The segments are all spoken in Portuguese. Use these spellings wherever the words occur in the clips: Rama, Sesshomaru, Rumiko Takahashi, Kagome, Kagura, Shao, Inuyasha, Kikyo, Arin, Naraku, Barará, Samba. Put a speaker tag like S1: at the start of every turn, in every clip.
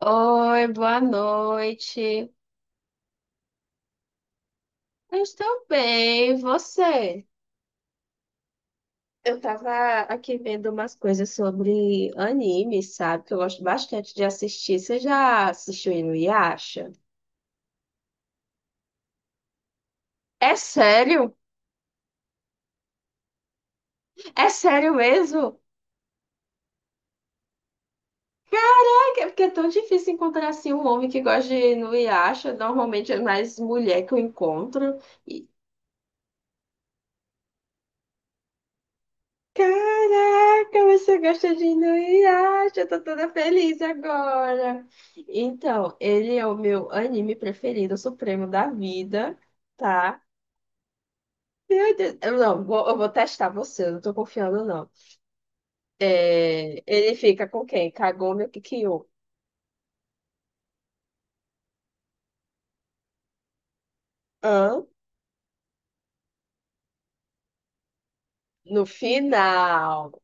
S1: Oi, boa noite. Eu estou bem, e você? Eu tava aqui vendo umas coisas sobre anime, sabe? Que eu gosto bastante de assistir. Você já assistiu Inuyasha? É sério? É sério mesmo? Ai, porque é tão difícil encontrar assim um homem que gosta de Inuyasha. Normalmente é mais mulher que eu encontro. Caraca, você gosta de Inuyasha, eu tô toda feliz agora. Então, ele é o meu anime preferido, o supremo da vida, tá? Meu Deus, eu vou testar você, eu não tô confiando, não. É, ele fica com quem? Kagome ou Kikyo? Hã? No final.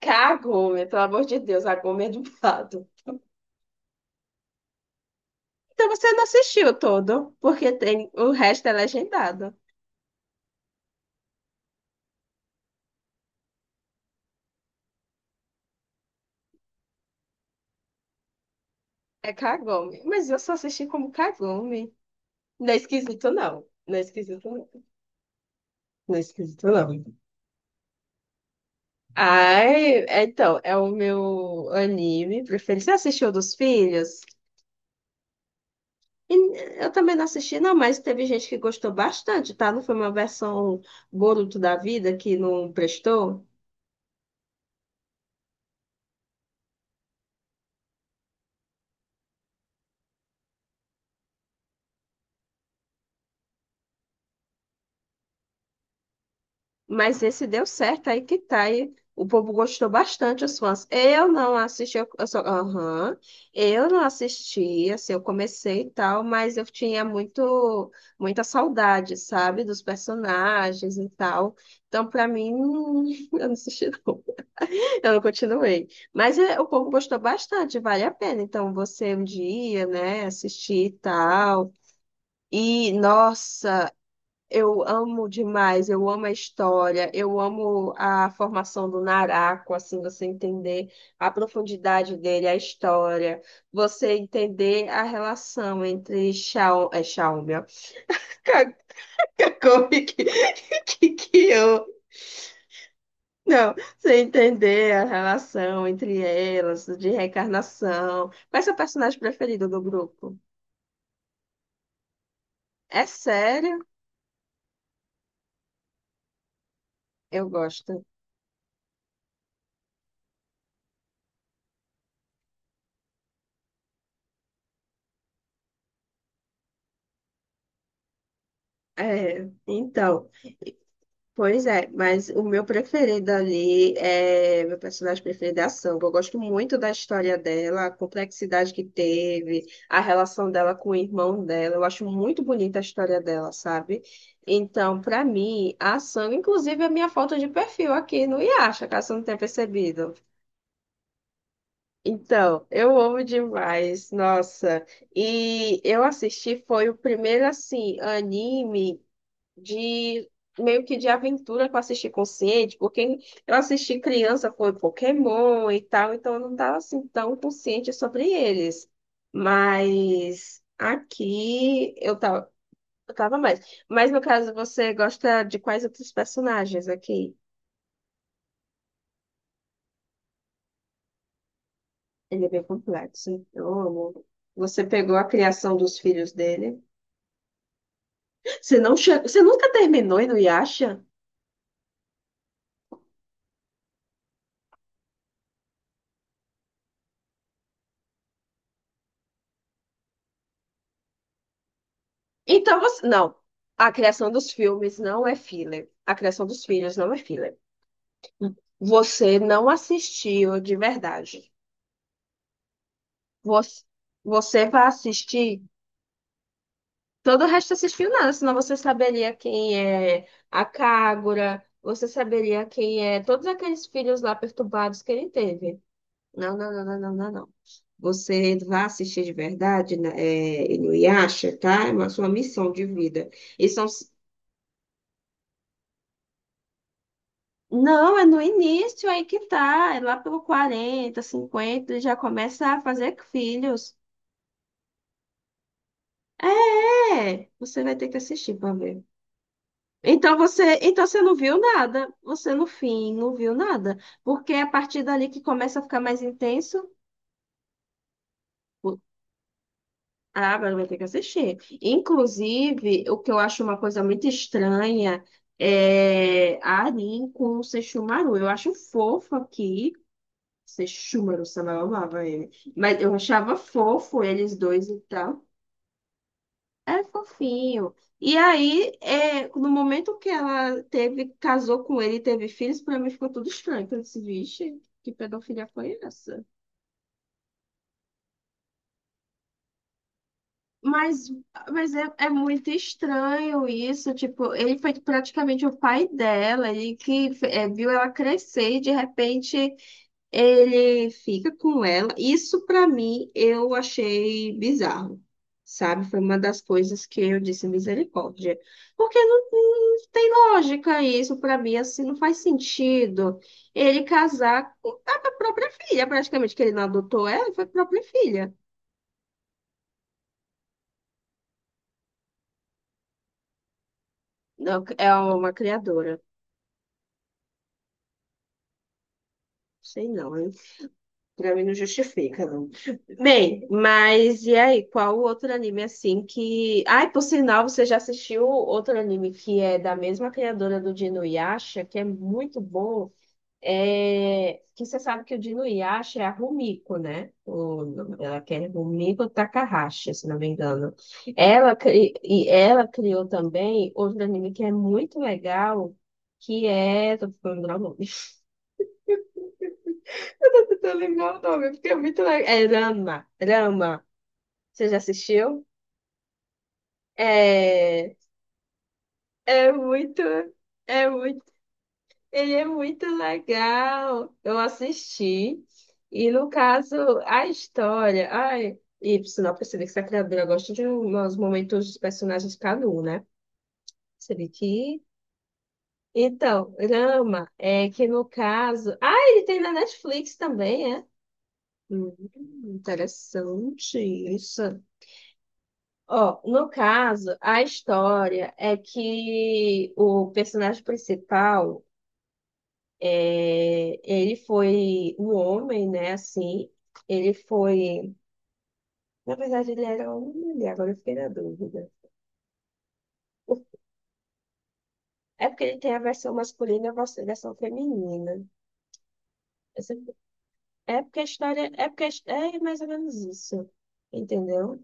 S1: Kagome, pelo amor de Deus, a Gome é dublado. Então você não assistiu todo, porque tem o resto é legendado. É Kagome. Mas eu só assisti como Kagome. Não é esquisito, não. Não é esquisito, não. Não é esquisito, não. Ai, é, então, é o meu anime preferido. Você assistiu dos filhos? E eu também não assisti, não, mas teve gente que gostou bastante, tá? Não foi uma versão Boruto da vida que não prestou? Mas esse deu certo, aí que tá. E o povo gostou bastante, os fãs. Eu não assisti, eu só, aham, eu não assisti, assim, eu comecei e tal, mas eu tinha muita saudade, sabe, dos personagens e tal. Então, pra mim, eu não assisti, não. Eu não continuei. Mas é, o povo gostou bastante, vale a pena. Então, você um dia, né, assistir e tal. E, nossa. Eu amo demais, eu amo a história, eu amo a formação do Naraku, assim, você entender a profundidade dele, a história, você entender a relação entre Shao, é, Xiaomi, ó, Ka- Kakome que eu, não, você entender a relação entre elas, de reencarnação. Qual é seu personagem preferido do grupo? É sério? Eu gosto. É, então. Pois é, mas o meu preferido ali é meu personagem preferido é a Samba. Eu gosto muito da história dela, a complexidade que teve, a relação dela com o irmão dela. Eu acho muito bonita a história dela, sabe? Então, pra mim, a Samba, inclusive, é a minha foto de perfil aqui no Yasha, caso você não tenha percebido. Então, eu amo demais, nossa. E eu assisti, foi o primeiro, assim, anime de meio que de aventura que eu assisti com porque eu assisti criança, foi Pokémon e tal, então eu não estava assim tão consciente sobre eles. Mas aqui eu tava mais. Mas no caso, você gosta de quais outros personagens aqui? Ele é bem complexo, hein? Eu amo. Você pegou a criação dos filhos dele. Você não che... Você nunca terminou no Yasha? Então você. Não. A criação dos filmes não é filler. A criação dos filhos não é filler. Você não assistiu de verdade. Você, você vai assistir. Todo o resto assistiu nada, senão você saberia quem é a Kagura, você saberia quem é todos aqueles filhos lá perturbados que ele teve. Não, não, não, não, não, não, não. Você vai assistir de verdade, né, é, Inuyasha, tá? É uma sua missão de vida. E são, não, é no início aí que tá, é lá pelo 40, 50 ele já começa a fazer filhos. É, você vai ter que assistir pra ver. Então você não viu nada, você no fim não viu nada, porque é a partir dali que começa a ficar mais intenso. o- Ah, agora vai ter que assistir. Inclusive, o que eu acho uma coisa muito estranha é a Arin com o Sesshomaru. Eu acho fofo aqui, você chuma no samba, eu amava ele. Mas eu achava fofo eles dois e tal. É fofinho. E aí, é, no momento que ela teve, casou com ele e teve filhos, pra mim ficou tudo estranho. Eu disse, vixe, que pedofilia foi essa? Mas, mas é, é muito estranho isso. Tipo, ele foi praticamente o pai dela, ele que é, viu ela crescer e de repente. Ele fica com ela. Isso pra mim eu achei bizarro, sabe? Foi uma das coisas que eu disse misericórdia, porque não, não tem lógica isso pra mim, assim não faz sentido. Ele casar com a própria filha, praticamente que ele não adotou ela, foi a própria filha. Não, é uma criadora. Sei não, pra mim não justifica, não. Bem, mas e aí, qual o outro anime assim que. Ai, por sinal, você já assistiu outro anime que é da mesma criadora do Dino Yasha, que é muito bom. É... Que você sabe que o Dino Yasha é a Rumiko, né? O nome dela que é Rumiko Takahashi, se não me engano. Ela, e ela criou também outro anime que é muito legal, que é. Tô falando o nome. Eu tô lembrando o nome, porque é muito legal. É Rama, Rama. Você já assistiu? É é muito, é muito, ele é muito legal. Eu assisti. E no caso, a história. Ai, e por sinal, percebi que essa criadora gosta de uns momentos dos personagens cada um, né? Percebi que. Então, Rama, é que no caso. Ah, ele tem na Netflix também, é? Hum, interessante isso. Ó, no caso, a história é que o personagem principal, é, ele foi um homem, né? Assim, ele foi. Na verdade, ele era um mulher, agora eu fiquei na dúvida. É porque ele tem a versão masculina e a versão feminina. Eu sempre- É porque a história. É mais ou menos isso. Entendeu?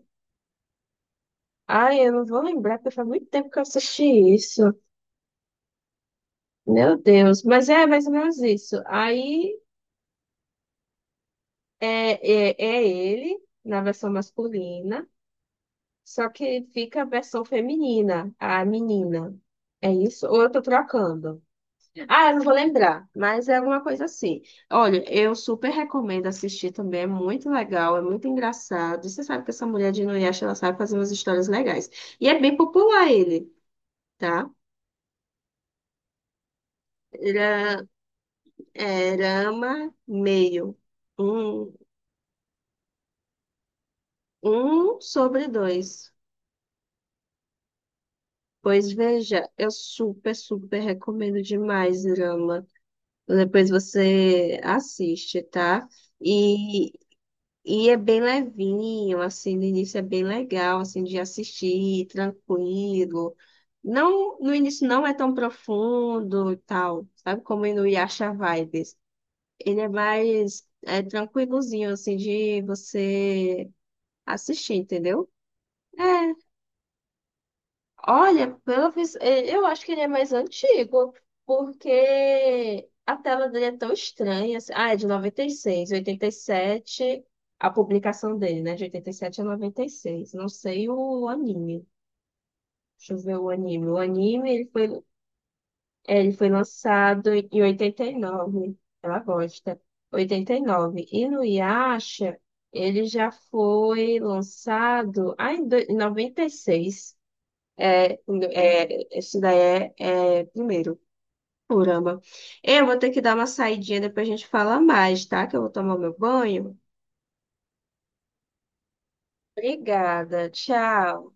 S1: Ai, eu não vou lembrar, porque faz muito tempo que eu assisti isso. Meu Deus, mas é mais ou menos isso. Aí é, é, é ele na versão masculina, só que fica a versão feminina, a menina. É isso? Ou eu tô trocando? Ah, eu não vou lembrar, mas é alguma coisa assim. Olha, eu super recomendo assistir também, é muito legal, é muito engraçado. E você sabe que essa mulher de Inuyasha, ela sabe fazer umas histórias legais. E é bem popular ele, tá? Era, é, Rama meio. Um, um sobre dois. Pois veja, eu super recomendo demais drama. Depois você assiste, tá? E e é bem levinho, assim, no início é bem legal, assim, de assistir, tranquilo. Não, no início não é tão profundo e tal, sabe? Como no Yasha Vibes. Ele é mais é, tranquilozinho, assim, de você assistir, entendeu? É, olha, eu acho que ele é mais antigo, porque a tela dele é tão estranha. Assim. Ah, é de 96, 87, a publicação dele, né? De 87 a 96. Não sei o anime. Deixa eu ver o anime. O anime, ele foi, ele foi lançado em 89. Ela gosta. 89. E nove. E no Yasha, ele já foi lançado em 96. É, é, isso daí é, é primeiro. Caramba. Eu vou ter que dar uma saidinha, depois a gente fala mais, tá? Que eu vou tomar meu banho. Obrigada. Tchau.